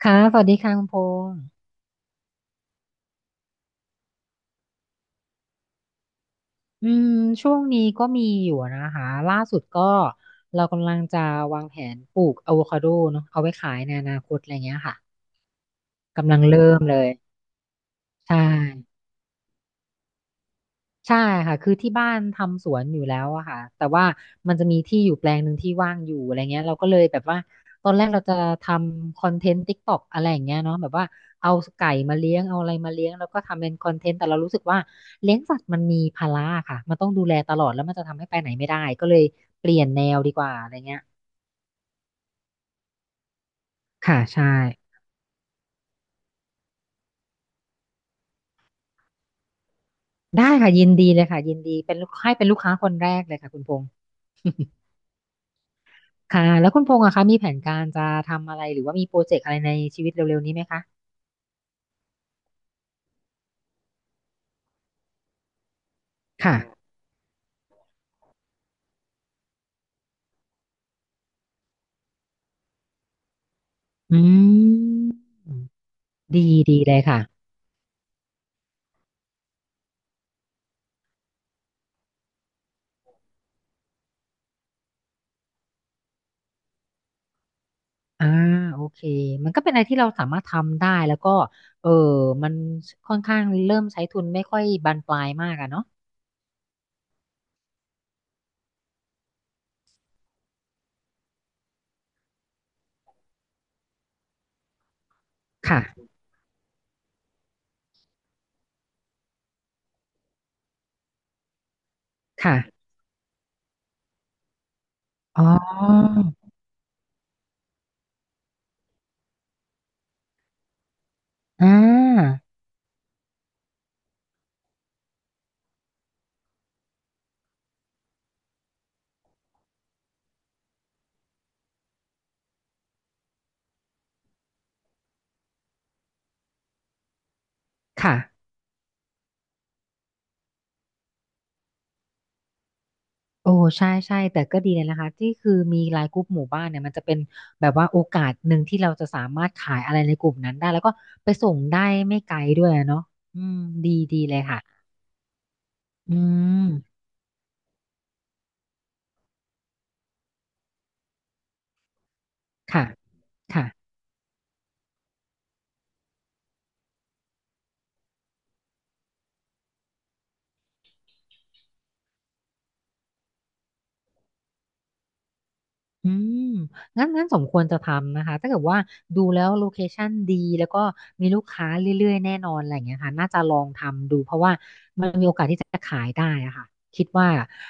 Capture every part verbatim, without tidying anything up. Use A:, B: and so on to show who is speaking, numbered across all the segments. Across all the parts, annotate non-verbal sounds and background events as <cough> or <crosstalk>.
A: ค่ะ สวัสดีค่ะคุณพงษ์อืมช่วงนี้ก็มีอยู่นะคะล่าสุดก็เรากำลังจะวางแผนปลูกอะโวคาโดเนาะเอาไว้ขายในอนาคตอะไรเงี้ยค่ะ กำลังเริ่มเลย ใช่ ใช่ค่ะคือที่บ้านทำสวนอยู่แล้วอะค่ะแต่ว่ามันจะมีที่อยู่แปลงหนึ่งที่ว่างอยู่อะไรเงี้ยเราก็เลยแบบว่าตอนแรกเราจะทำคอนเทนต์ติ๊กต็อกอะไรอย่างเงี้ยเนาะแบบว่าเอาไก่มาเลี้ยงเอาอะไรมาเลี้ยงแล้วก็ทำเป็นคอนเทนต์แต่เรารู้สึกว่าเลี้ยงสัตว์มันมีภาระค่ะมันต้องดูแลตลอดแล้วมันจะทำให้ไปไหนไม่ได้ก็เลยเปลี่ยนแนวดีกว่าอะไรเงี้ยค่ะใช่ได้ค่ะยินดีเลยค่ะยินดีเป็นลูกให้เป็นลูกค้าคนแรกเลยค่ะคุณพงษ์ค่ะแล้วคุณพงษ์อะคะมีแผนการจะทำอะไรหรือว่ามีโปรเจกต์อะไรในชีวิตเร็วๆนี้ไหมคะ ค่ะอืมดีดีเลยค่ะอ่าโอเคมันก็เป็นอะไรที่เราสามารถทำได้แล้วก็เออมันค่อนข้างเริ่มใช้ทุนไม่ค่อยบานปลายมากอะเนาะค่ะค่ะอ๋ออ่าค่ะโอ้ใช่ใช่แต่ก็ดีเลยนะคะที่คือมีไลน์กลุ่มหมู่บ้านเนี่ยมันจะเป็นแบบว่าโอกาสหนึ่งที่เราจะสามารถขายอะไรในกลุ่มนั้นได้แล้วก็ไปส่งได้ไม่ไกลด้วยอะเนาะอืมดีดีเลยค่ะอืมค่ะค่ะ อืมงั้นงั้นสมควรจะทำนะคะถ้าเกิดว่าดูแล้วโลเคชั่นดีแล้วก็มีลูกค้าเรื่อยๆแน่นอนอะไรอย่างเงี้ยค่ะน่าจะลองทำดูเพราะว่ามันมีโอกาสที่จะขายได้อะค่ะคิดว่า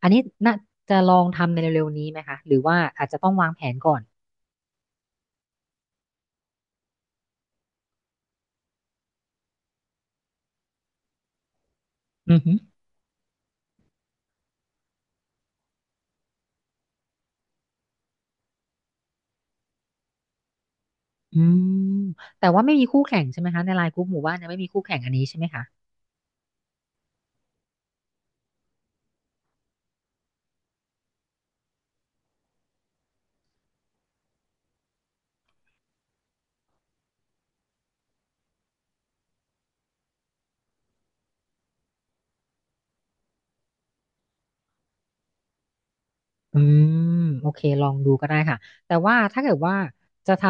A: อันนี้น่าจะลองทำในเร็วๆนี้ไหมคะหรือว่าอาจจะต้องวางแผนก่อนอือหออืมแต่ว่าไม่มีคู่แข่งใช่ไหมคะในไลน์กลุ่มหมู่บ้านเนี่ยไม่มีคู่แข่งอันนี้ใช่ไหมคะ อืมโอเคลองดูก็ได้ค่ะแต่ว่าถ้าเกิดว่าจะท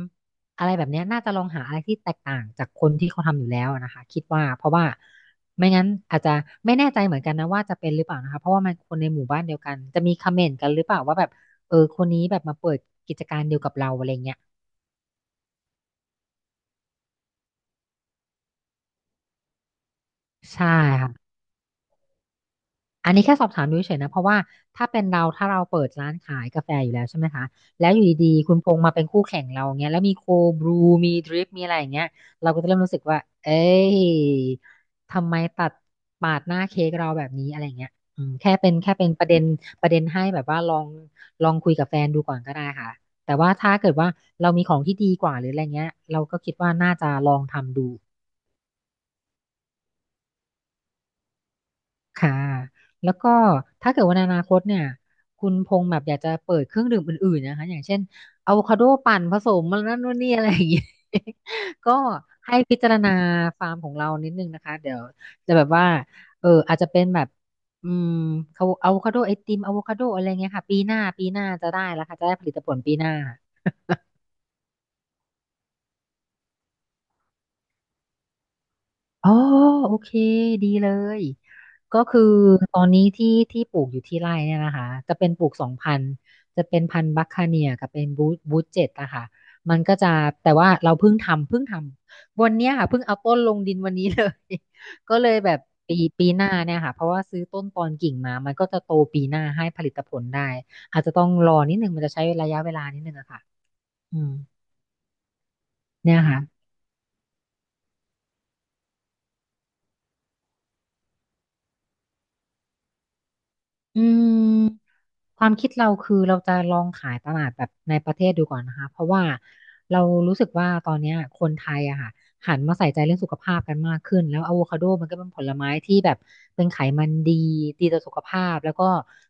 A: ำอะไรแบบเนี้ยน่าจะลองหาอะไรที่แตกต่างจากคนที่เขาทำอยู่แล้วนะคะคิดว่าเพราะว่าไม่งั้นอาจจะไม่แน่ใจเหมือนกันนะว่าจะเป็นหรือเปล่านะคะเพราะว่ามันคนในหมู่บ้านเดียวกันจะมีคอมเมนต์กันหรือเปล่าว่าแบบเออคนนี้แบบมาเปิดกิจการเดียวกับเราอะไรเงี้ยใช่ค่ะ อันนี้แค่สอบถามดูเฉยๆนะเพราะว่าถ้าเป็นเราถ้าเราเปิดร้านขายกาแฟอยู่แล้วใช่ไหมคะแล้วอยู่ดีๆคุณพงษ์มาเป็นคู่แข่งเราอย่างเงี้ยแล้วมีโคบรูมีดริปมีอะไรอย่างเงี้ยเราก็จะเริ่มรู้สึกว่าเอ้ยทำไมตัดปาดหน้าเค้กเราแบบนี้อะไรอย่างเงี้ยอืมแค่เป็นแค่เป็นประเด็นประเด็นให้แบบว่าลองลองคุยกับแฟนดูก่อนก็ได้ค่ะแต่ว่าถ้าเกิดว่าเรามีของที่ดีกว่าหรืออะไรเงี้ยเราก็คิดว่าน่าจะลองทำดู ค่ะ แล้วก็ถ้าเกิดว่าในอนาคตเนี่ยคุณพงษ์แบบอยากจะเปิดเครื่องดื่มอื่นๆนะคะอย่างเช่นอะโวคาโดปั่นผสมมันนั่นนู่นนี่อะไรอย่างเงี้ย <laughs> ก็ให้พิจารณาฟาร์มของเรานิดนึงนะคะเดี๋ยวจะแบบว่าเอออาจจะเป็นแบบอืมเขาอะโวคาโดไอติมอะโวคาโดอะไรเงี้ยค่ะปีหน้าปีหน้าจะได้แล้วค่ะจะได้ผลิตผลปีหน้า อ๋อโอเคดีเลยก็คือตอนนี้ที่ที่ปลูกอยู่ที่ไร่เนี่ยนะคะจะเป็นปลูกสองพันธุ์จะเป็นพันธุ์บัคคาเนียกับเป็นบูบูเจ็ตอะค่ะมันก็จะแต่ว่าเราเพิ่งทำเพิ่งทำวันเนี้ยค่ะเพิ่งเอาต้นลงดินวันนี้เลย <laughs> ก็เลยแบบปีปีหน้าเนี่ยค่ะเพราะว่าซื้อต้นตอนกิ่งมามันก็จะโตปีหน้าให้ผลิตผลได้อาจจะต้องรอนิดนึงมันจะใช้ระยะเวลานิดนึงอะค่ะอืมเนี่ยค่ะ อืมความคิดเราคือเราจะลองขายตลาดแบบในประเทศดูก่อนนะคะเพราะว่าเรารู้สึกว่าตอนเนี้ยคนไทยอะค่ะหันมาใส่ใจเรื่องสุขภาพกันมากขึ้นแล้วอะโวคาโดมันก็เป็นผลไม้ที่แบบเป็นไขมันดีดีต่อสุขภาพแล้วก็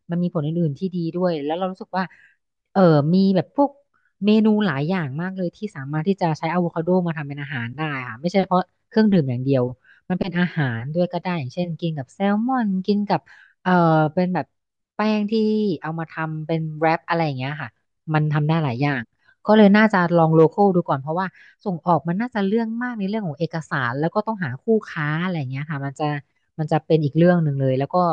A: มันมีผลอื่นๆที่ดีด้วยแล้วเรารู้สึกว่าเออมีแบบพวกเมนูหลายอย่างมากเลยที่สามารถที่จะใช้อะโวคาโดมาทำเป็นอาหารได้ค่ะไม่ใช่เฉพาะเครื่องดื่มอย่างเดียวมันเป็นอาหารด้วยก็ได้อย่างเช่นกินกับแซลมอนกินกับ เออเป็นแบบแป้งที่เอามาทำเป็นแรปอะไรอย่างเงี้ยค่ะมันทำได้หลายอย่างก็เลยน่าจะลองโลคอลดูก่อนเพราะว่าส่งออกมันน่าจะเรื่องมากในเรื่องของเอกสารแล้วก็ต้องหาคู่ค้าอะไรอย่างเงี้ยค่ะมันจะมันจะเป็นอีกเรื่องหนึ่งเลยแล้วก็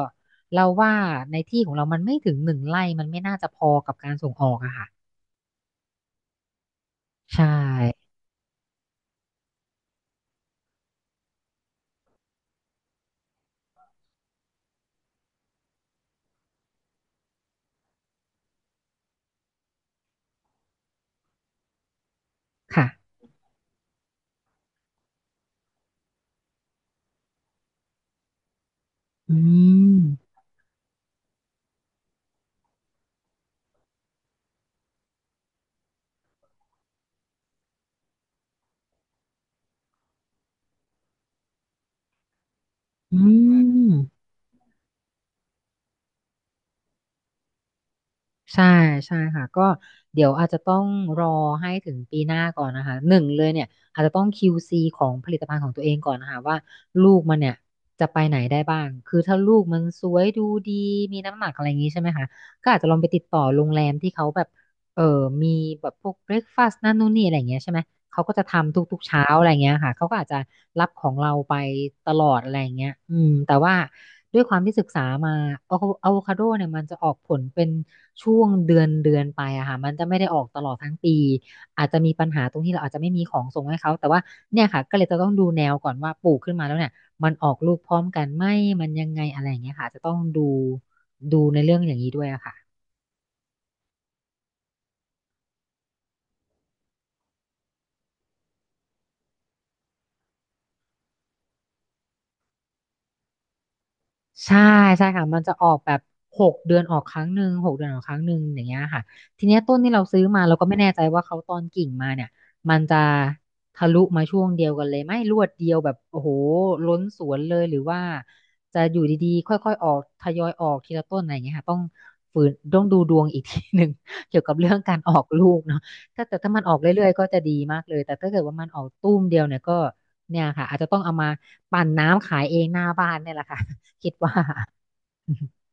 A: เราว่าในที่ของเรามันไม่ถึงหนึ่งไร่มันไม่น่าจะพอกับการส่งออกอะค่ะใช่ค่ะอืมอืม ใช่ใช่ค่ะก็เดี๋ยวอาจจะต้องรอให้ถึงปีหน้าก่อนนะคะหนึ่งเลยเนี่ยอาจจะต้อง คิว ซี ของผลิตภัณฑ์ของตัวเองก่อนนะคะว่าลูกมันเนี่ยจะไปไหนได้บ้างคือถ้าลูกมันสวยดูดีมีน้ำหนักอะไรอย่างนี้ใช่ไหมคะก็อาจจะลองไปติดต่อโรงแรมที่เขาแบบเออมีแบบพวกเบรคฟาสต์นั่นนู่นนี่อะไรอย่างเงี้ยใช่ไหม เขาก็จะทำทุกๆเช้าอะไรเงี้ยค่ะ เขาก็อาจจะรับของเราไปตลอดอะไรเงี้ยอืมแต่ว่าด้วยความที่ศึกษามาอะอะโวคาโดเนี่ยมันจะออกผลเป็นช่วงเดือนเดือนไปอะค่ะมันจะไม่ได้ออกตลอดทั้งปี อาจจะมีปัญหาตรงที่เราอาจจะไม่มีของส่งให้เขาแต่ว่าเนี่ยค่ะก็เลยจะต้องดูแนวก่อนว่าปลูกขึ้นมาแล้วเนี่ยมันออกลูกพร้อมกันไหมมันยังไงอะไรอย่างเงี้ยค่ะจะต้องดูดูในเรื่องอย่างนี้ด้วยอะค่ะ ใช่ใช่ค่ะมันจะออกแบบหกเดือนออกครั้งหนึ่งหกเดือนออกครั้งหนึ่งอย่างเงี้ยค่ะทีเนี้ยต้นที่เราซื้อมาเราก็ไม่แน่ใจว่าเขาตอนกิ่งมาเนี่ยมันจะทะลุมาช่วงเดียวกันเลยไหมรวดเดียวแบบโอ้โหล้นสวนเลยหรือว่าจะอยู่ดีๆค่อยๆออกทยอยออกทีละต้นอะไรอย่างเงี้ยค่ะต้องฝืนต้องดูดวงอีกทีหนึ่ง <laughs> เกี่ยวกับเรื่องการออกลูกเนาะถ้าแต่ถ้ามันออกเรื่อยๆก็จะดีมากเลยแต่ถ้าเกิดว่ามันออกตุ้มเดียวเนี่ยก็เนี่ยค่ะอาจจะต้องเอามาปั่นน้ำขายเองหน้าบ้านเนี่ยแหละค่ะ คิดว่า <laughs>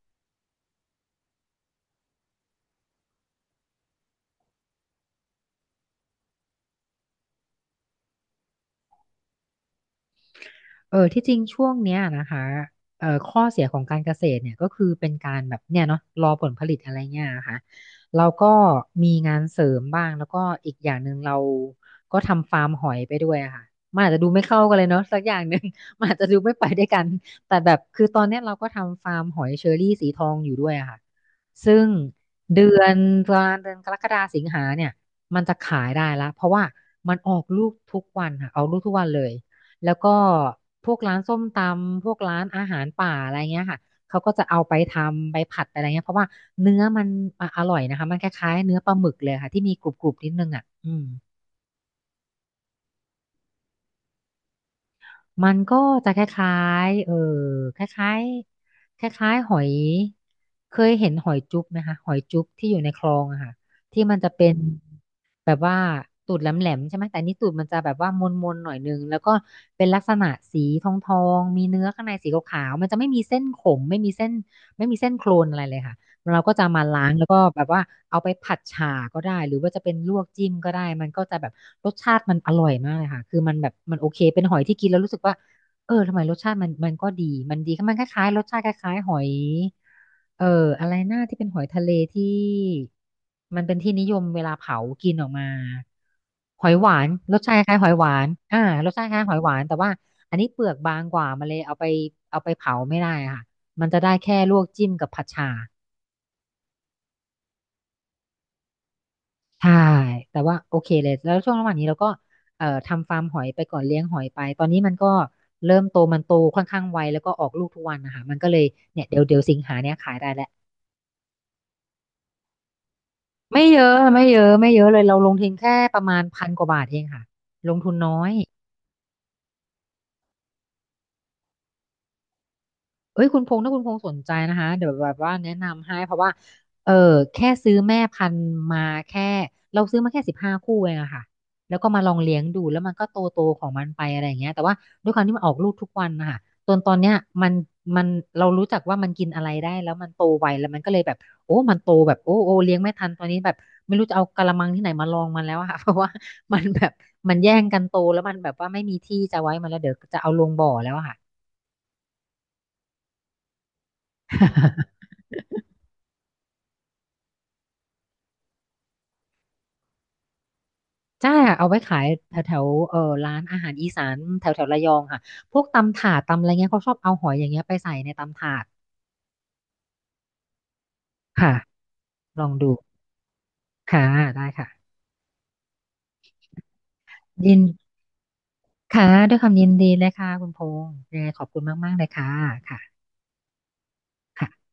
A: เออที่จริงช่วงเนี้ยนะคะเอ่อข้อเสียของการเกษตรเนี่ยก็คือเป็นการแบบเนี่ยเนาะรอผลผลิตอะไรเงี้ยค่ะเราก็มีงานเสริมบ้างแล้วก็อีกอย่างหนึ่งเราก็ทำฟาร์มหอยไปด้วยอะค่ะมันอาจจะดูไม่เข้ากันเลยเนาะสักอย่างหนึ่ง <laughs> มันอาจจะดูไม่ไปด้วยกันแต่แบบคือตอนเนี้ยเราก็ทำฟาร์มหอยเชอรี่สีทองอยู่ด้วยอะค่ะซึ่งเดือนประมาณเดือนกรกฎาสิงหาเนี่ยมันจะขายได้ละเพราะว่ามันออกลูกทุกวันค่ะออกลูกทุกวันเลย แล้วก็พวกร้านส้มตำ พวกร้านอาหารป่าอะไรเงี้ยค่ะ เขาก็จะเอาไปทำ ไปผัดไปอะไรเงี้ย เพราะว่าเนื้อมันอ่ะอร่อยนะคะ มันคล้ายๆเนื้อปลาหมึกเลยค่ะที่มีกรุบๆนิดนึงอ่ะอืม มันก็จะคล้ายๆเออคล้ายๆคล้ายๆหอย เคยเห็นหอยจุ๊บไหมคะหอยจุ๊บที่อยู่ในคลองอะค่ะที่มันจะเป็นแบบว่าตูดแหลมๆใช่ไหมแต่อันนี้ตูดมันจะแบบว่ามนๆหน่อยนึงแล้วก็เป็นลักษณะสีทองๆมีเนื้อข้างในสีขาวๆมันจะไม่มีเส้นขมไม่มีเส้นไม่มีเส้นโครนอะไรเลยค่ะ เราก็จะมาล้างแล้วก็แบบว่าเอาไปผัดฉ่าก็ได้หรือว่าจะเป็นลวกจิ้มก็ได้มันก็จะแบบรสชาติมันอร่อยมากเลยค่ะคือมันแบบมันโอเคเป็นหอยที่กินแล้วรู้สึกว่าเออทำไมรสชาติมันมันก็ดีมันดีมันคล้ายๆรสชาติคล้ายๆหอยเอออะไรหน้าที่เป็นหอยทะเลที่มันเป็นที่นิยมเวลาเผากินออกมาหอยหวานรสชาติคล้ายๆหอยหวานอ่ารสชาติคล้ายๆหอยหวานแต่ว่าอันนี้เปลือกบางกว่ามาเลยเอาไปเอาไปเผาไม่ได้อะค่ะมันจะได้แค่ลวกจิ้มกับผัดฉ่า ใช่ แต่ว่าโอเคเลย แล้วช่วงระหว่างนี้เราก็เอ่อทำฟาร์มหอยไปก่อนเลี้ยงหอยไป ตอนนี้มันก็เริ่มโตมันโตค่อนข้างไวแล้วก็ออกลูกทุกวันนะคะ มันก็เลยเนี่ยเดี๋ยวเดี๋ยวสิงหาเนี่ยขายได้แหละไม่เยอะไม่เยอะไม่เยอะเลยเราลงทุนแค่ประมาณพันกว่าบาทเองค่ะ ลงทุนน้อย เอ้ยคุณพงษ์ถ้าคุณพงษ์สนใจนะคะเดี๋ยวแบบว่าแนะนำให้เพราะว่าเออแค่ซื้อแม่พันธุ์มาแค่เราซื้อมาแค่สิบห้าคู่เองอะค่ะแล้วก็มาลองเลี้ยงดูแล้วมันก็โตโตของมันไปอะไรอย่างเงี้ยแต่ว่าด้วยความที่มันออกลูกทุกวันนะคะจนตอนเนี้ยมันมันเรารู้จักว่ามันกินอะไรได้แล้วมันโตไวแล้วมันก็เลยแบบโอ้มันโตแบบโอ้โอ้เลี้ยงไม่ทันตอนนี้แบบไม่รู้จะเอากะละมังที่ไหนมาลองมันแล้วอะค่ะ <laughs> เพราะว่ามันแบบมันแย่งกันโตแล้วมันแบบว่าไม่มีที่จะไว้มันแล้วเดี๋ยวจะเอาลงบ่อแล้วอะค่ะ จ้าเอาไว้ขายแถวแถวเออร้านอาหารอีสานแถวแถวระยองค่ะพวกตำถาดตำอะไรเงี้ยเขาชอบเอาหอยอย่างเงี้ยไปใส่ในตำถาดค่ะลองดูค่ะได้ค่ะยินค่ะด้วยความยินดีเลยค่ะคุณพงษ์ยังไงขอบคุณมากๆเลยค่ะค่ะค่ะ